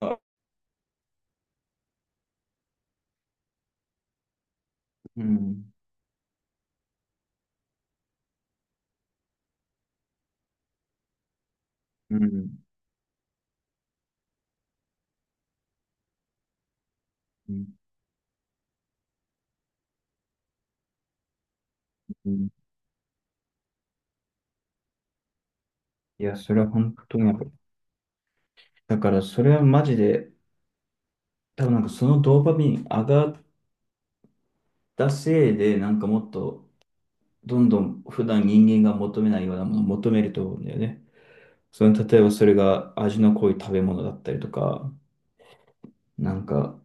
うん、うん、うん。うん、いや、それは本当にわかる。だからそれはマジで、多分なんかそのドーパミン上がったせいで、なんかもっと、どんどん普段人間が求めないようなものを求めると思うんだよね。その、例えばそれが味の濃い食べ物だったりとか、なんか、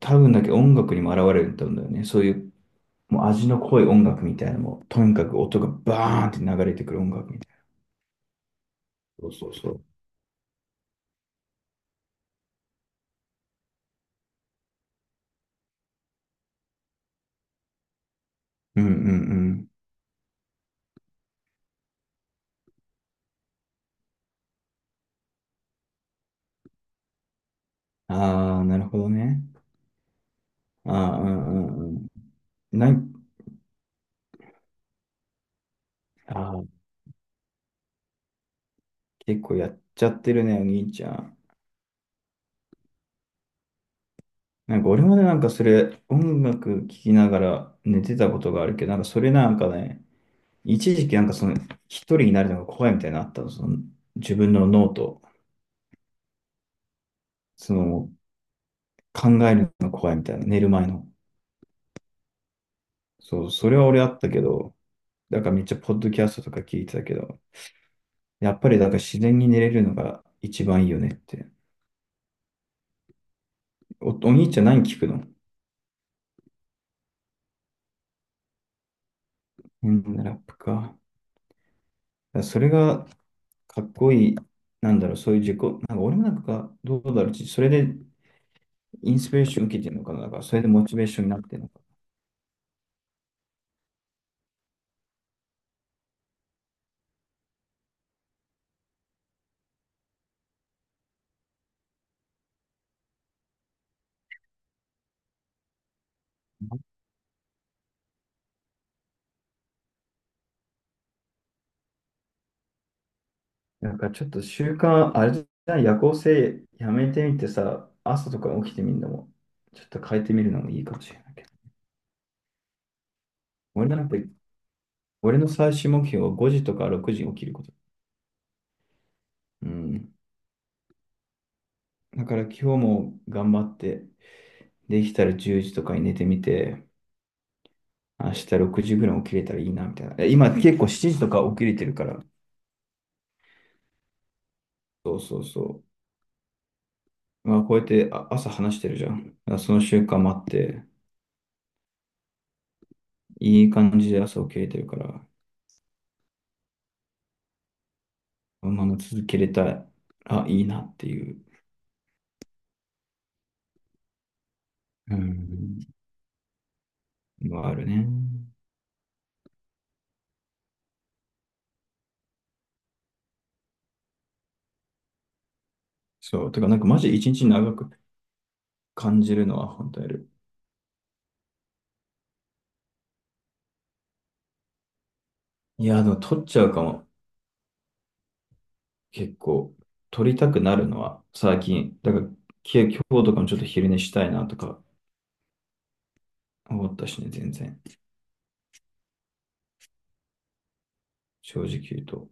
多分だけど音楽にも現れると思うんだよね。そういう、もう味の濃い音楽みたいなのも、とにかく音がバーンって流れてくる音楽みたいな。そうそうそう。うんうんうん。ああ、なるほどね。ああ、うんうんうん。なん、ああ、結構やっちゃってるね、お兄ちゃん。なんか俺までなんかそれ、音楽聴きながら寝てたことがあるけど、なんかそれなんかね、一時期なんかその、一人になるのが怖いみたいなのあったの、その、自分の脳と、その、考えるのが怖いみたいな、寝る前の。そう、それは俺あったけど、だからめっちゃポッドキャストとか聞いてたけど、やっぱりだから自然に寝れるのが一番いいよねって。お兄ちゃん何聞くの？変なラップか。それがかっこいい、なんだろう、そういう自己、なんか俺もなんか、どうだろう、それでインスピレーション受けてるのかな、なんかそれでモチベーションになってるのかな。なんかちょっと習慣、あれじゃない？夜行性やめてみてさ、朝とか起きてみるのも、ちょっと変えてみるのもいいかもしれないけど。俺なんか、俺の最終目標は5時とか6時に起きること。うん。だから今日も頑張って、できたら10時とかに寝てみて、明日6時ぐらい起きれたらいいなみたいな。今結構7時とか起きれてるから、そうそうそう。まあ、こうやって朝話してるじゃん。だからその習慣もあって、いい感じで朝起きれてるから、このまま続けれたら、あ、いいなっていう。うん。のはあるね。そう。てか、なんかマジ一日長く感じるのは本当やる。いや、でも取っちゃうかも。結構。取りたくなるのは最近。だから、今日とかもちょっと昼寝したいなとか思ったしね、全然。正直言うと。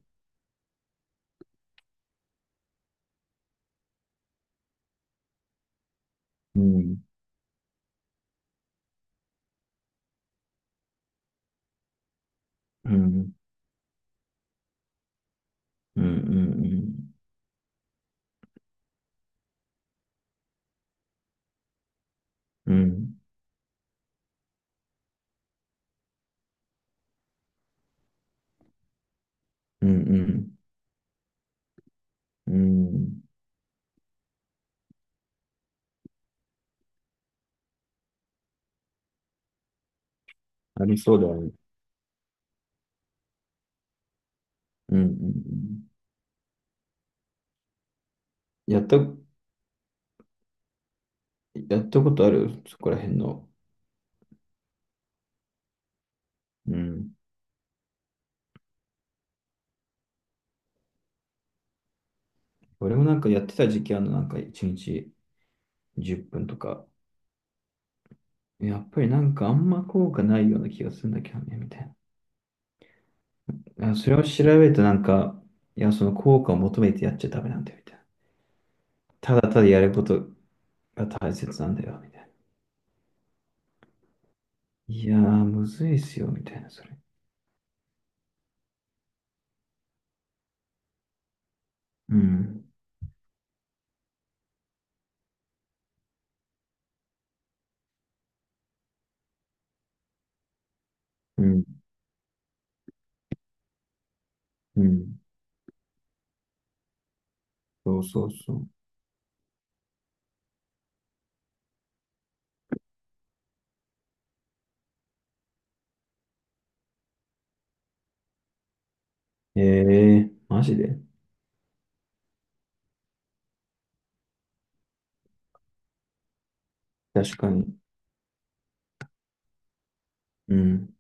うん。うん。うん。うん。うん。うんうんうん。うん。ありそうだね。うんうんうん。やった、やったことあるそこら辺の。うん。俺もなんかやってた時期あるの、なんか1日10分とか。やっぱりなんかあんま効果ないような気がするんだけどね、みたいな。それを調べるとなんか、いや、その効果を求めてやっちゃダメなんだよ、みたいな。ただただやることが大切なんだよ、みたいな。いやー、むずいっすよ、みたいな、それ。うん。うん。うん。そうそうそう。ええー、マジで？確かに。うん。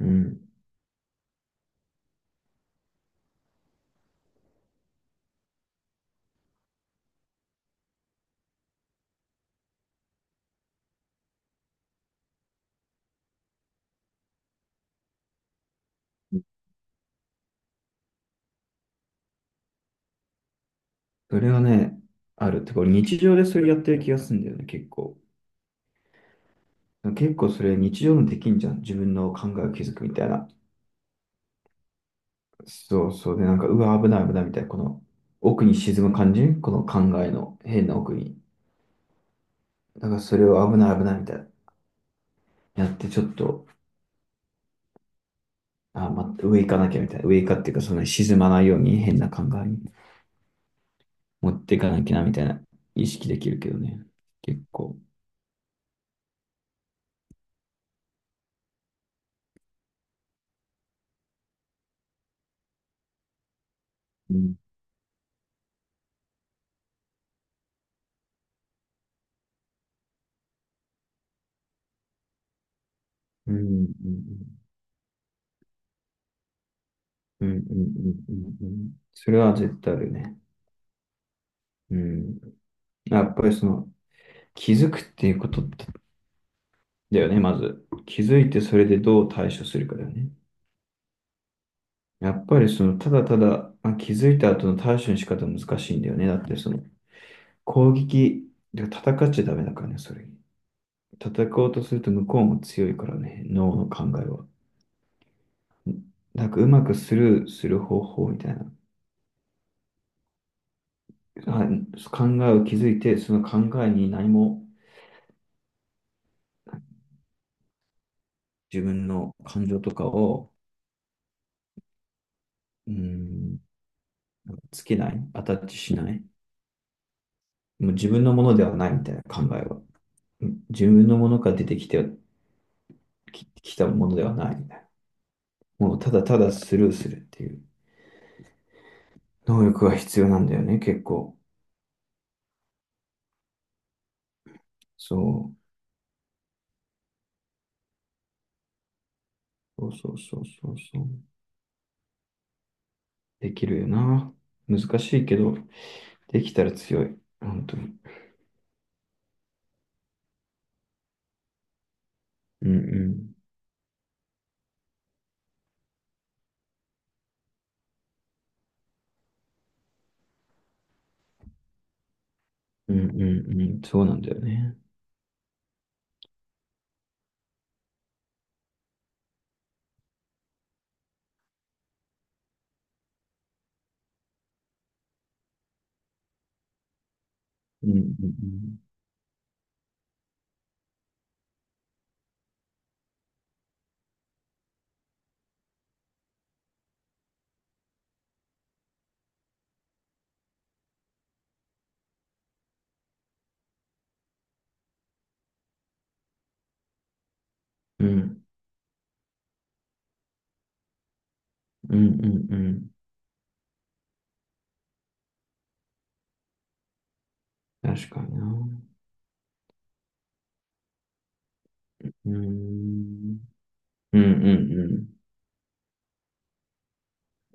うん。それはね、ある。てか、俺日常でそれやってる気がするんだよね、結構。結構それ日常のできんじゃん。自分の考えを気づくみたいな。そうそう。で、なんか、うわ、危ない危ないみたいな、この奥に沈む感じこの考えの変な奥に。だからそれを危ない危ないみたいな。やってちょっと、あ、ま、上行かなきゃみたいな。上行かっていうか、その沈まないように変な考えに持っていかなきゃなみたいな意識できるけどね。結構。うん。うん。うんうんうんうんうんうんうん。それは絶対あるよね。うん。やっぱりその気づくっていうことだよね、まず。気づいてそれでどう対処するかだよね。やっぱりそのただただまあ気づいた後の対処の仕方は難しいんだよね。だってその攻撃、で戦っちゃダメだからね、それ。戦おうとすると向こうも強いからね、脳の考えは。なんかうまくスルーする方法みたいな。あ考えを気づいて、その考えに何も自分の感情とかを、うん、つけない、アタッチしない、もう自分のものではないみたいな考えは。うん、自分のものから出てきてきたものではないみたいな。もうただただスルーするっていう能力が必要なんだよね、結構。そう。そうそうそうそうそう。できるよな。難しいけど、できたら強い。本当に。うんうん。うんうんうん。そうなんだよね。うんうんうん。うんうんうんうん。確かにな。うん。うんうんうん。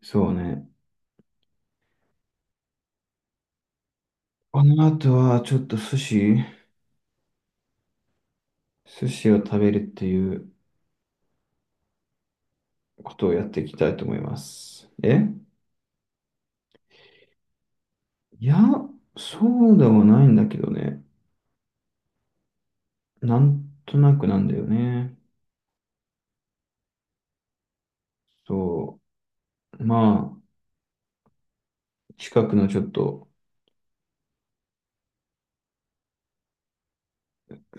そうね。この後はちょっと寿司を食べるっていうことをやっていきたいと思います。いや、そうではないんだけどね。なんとなくなんだよね。そう。まあ、近くのちょっと、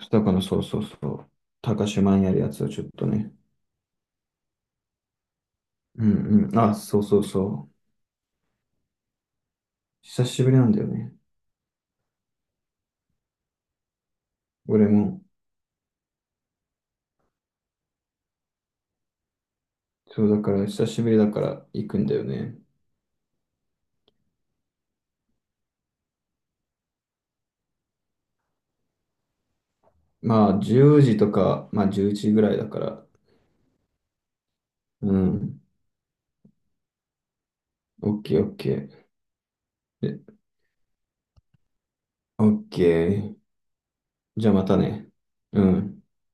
二日のそうそうそう。高島にあるやつをちょっとね。うんうん。あ、そうそうそう。久しぶりなんだよね。俺も。そうだから、久しぶりだから行くんだよね。まあ、10時とか、まあ、11時ぐらいだから。うん。オッケー、オッケー。でオッケー。じゃあまたね。うん。